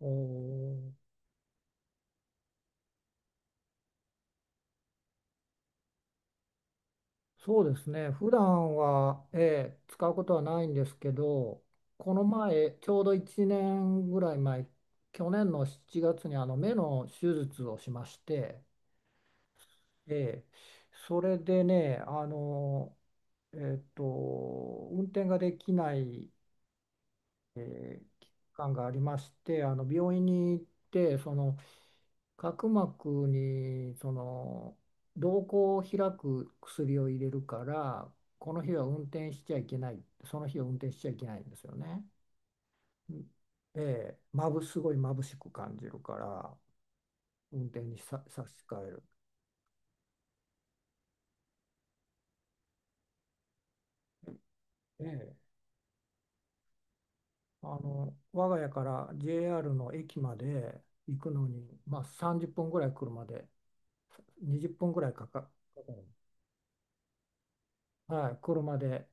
おーそうですね。普段は、使うことはないんですけど、この前、ちょうど1年ぐらい前、去年の7月に目の手術をしまして、ええそれでね、運転ができない、え期間がありまして、病院に行って、角膜に瞳孔を開く薬を入れるから、この日は運転しちゃいけないその日は運転しちゃいけないんですよね。んええ、まぶすごい眩しく感じるから運転に差し替える。ええ、我が家から JR の駅まで行くのに、まあ、30分ぐらい車で20分ぐらいかかる。はい、車で、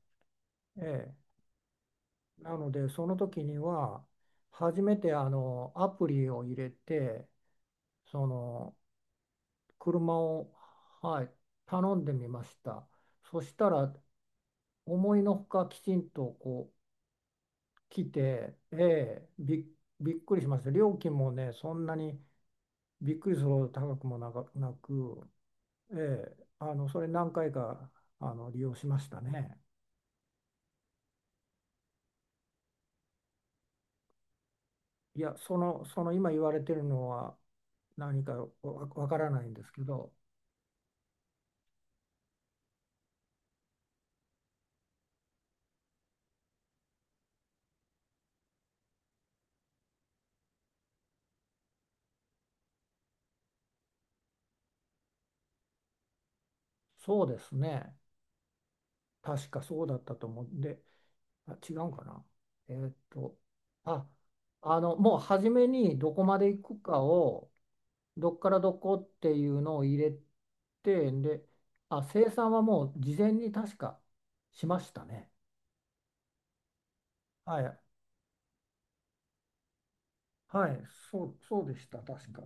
ええ、なのでその時には初めてアプリを入れて、その車を、はい、頼んでみました。そしたら思いのほかきちんとこう来て、びっくりしました。料金もねそんなにびっくりするほど高くもなく、えそれ何回か利用しましたね。いや、その今言われてるのは何かわからないんですけど。そうですね。確かそうだったと思うんで。あ、違うかな。えーっと、あ、もう初めにどこまで行くかを、どっからどこっていうのを入れて、で、あ、生産はもう事前に確かしましたね。はい。はい。そうでした。確か。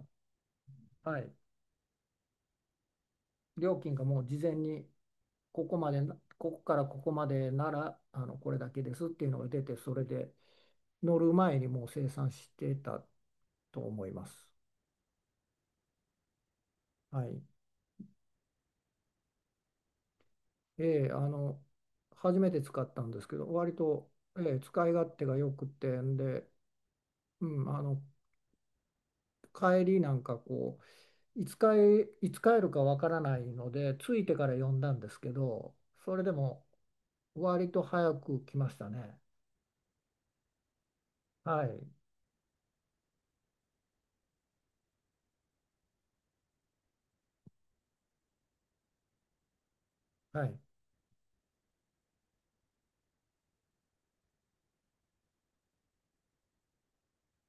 はい。料金がもう事前に、ここまでな、ここからここまでなら、これだけですっていうのが出て、それで乗る前にもう生産してたと思います。はい。ええ、あの、初めて使ったんですけど、割と、使い勝手が良くてんで、うん、帰りなんかう、いつ帰、いつ帰るかわからないので、着いてから呼んだんですけど、それでも割と早く来ましたね。はい。はい。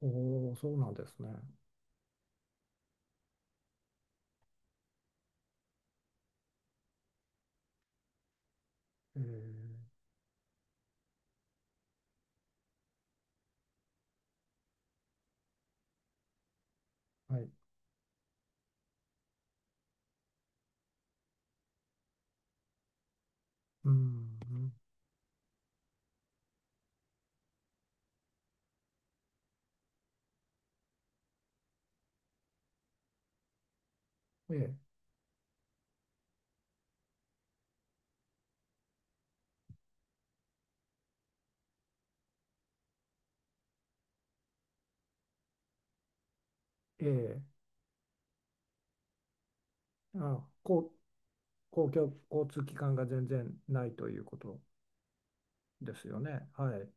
おお、そうなんですね。ええ、はい。うん。ええ、ええ、あ、公共交通機関が全然ないということですよね。はい。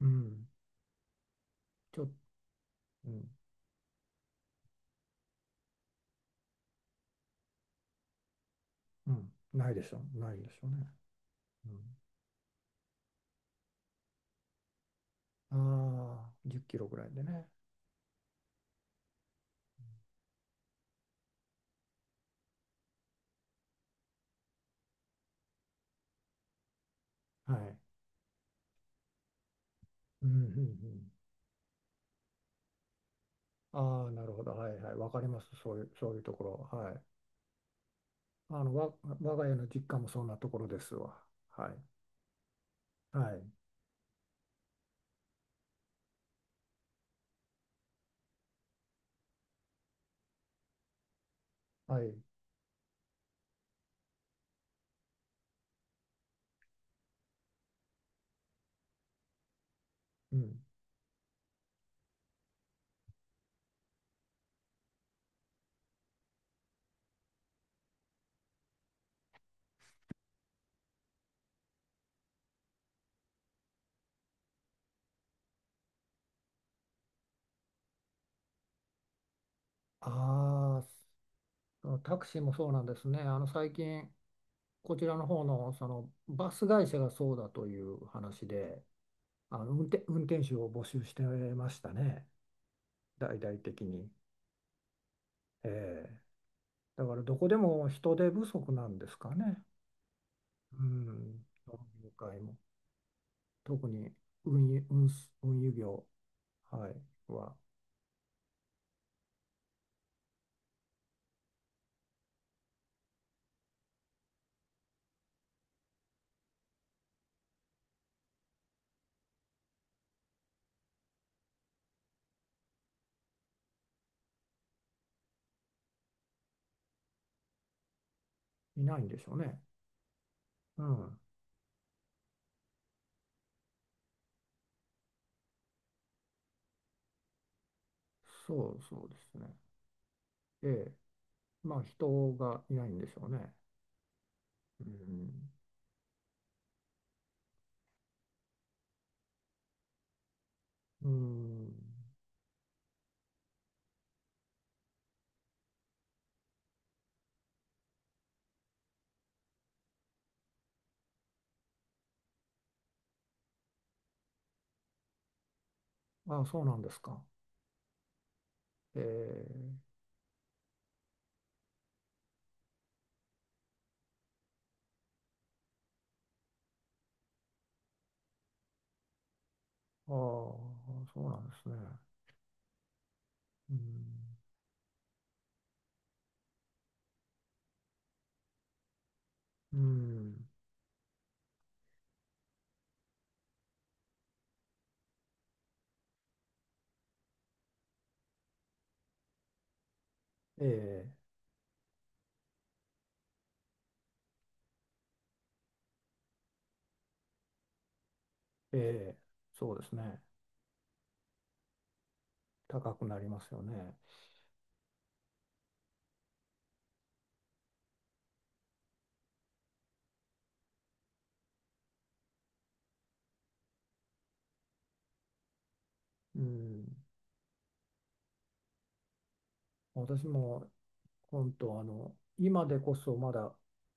うん。ちょ、うん、うん。ないでしょう。ないでしょうね。うん、ああ、10キロぐらいでね。はい。うん、うん、うん。ああ、なるほど。はいはい。わかります。そういうところ。はい。あの、わ、我が家の実家もそんなところですわ。はい。はい。はい。うん。ああ、そのタクシーもそうなんですね。最近、こちらの方の、そのバス会社がそうだという話で、運転手を募集してましたね、大々的に。ええだからどこでも人手不足なんですかね。うん、この業界も。特に運輸業。はい、はいないんでしょうね。うん、そうそうですね。ええ、まあ人がいないんでしょうね。うん、うん、ああ、そうなんですか。ええああ、そうなんですね。うん、うん、ええ、ええ、そうですね。高くなりますよね。うん、私も本当、今でこそまだ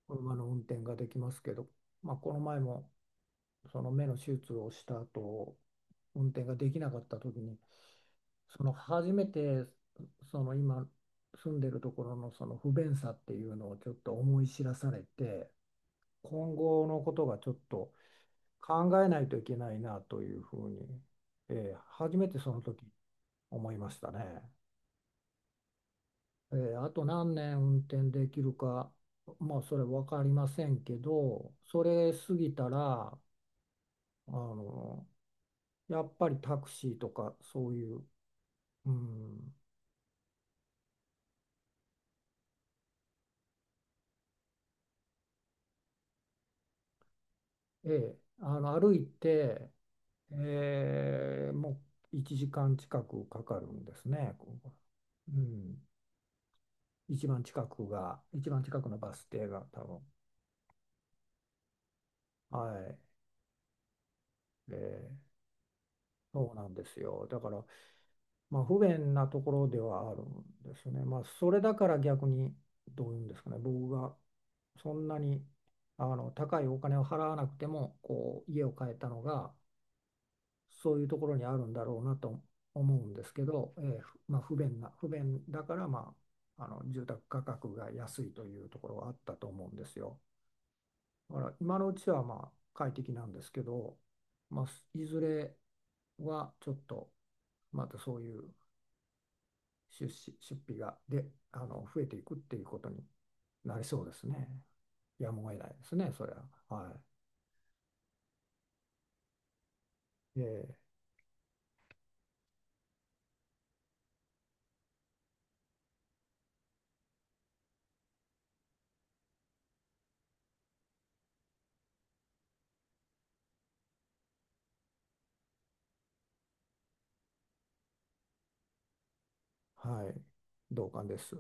車の運転ができますけど、まあ、この前もその目の手術をした後、運転ができなかった時に、初めて今住んでるところのその不便さっていうのをちょっと思い知らされて、今後のことがちょっと考えないといけないなというふうに、初めてその時思いましたね。あと何年運転できるか、まあそれ分かりませんけど、それ過ぎたら、あの、やっぱりタクシーとかそういう、うん、え歩いて、えもう1時間近くかかるんですね。うん、一番近くのバス停が多分。はい。そうなんですよ。だから、まあ、不便なところではあるんですね。まあ、それだから逆に、どういうんですかね、僕がそんなに高いお金を払わなくても、こう、家を買えたのが、そういうところにあるんだろうなと思うんですけど、えーふまあ、不便だから、まあ、住宅価格が安いというところはあったと思うんですよ。だから今のうちはまあ快適なんですけど、まあ、いずれはちょっとまたそういう出費がで、あの増えていくっていうことになりそうですね。やむを得ないですね、それは。はい。はい。同感です。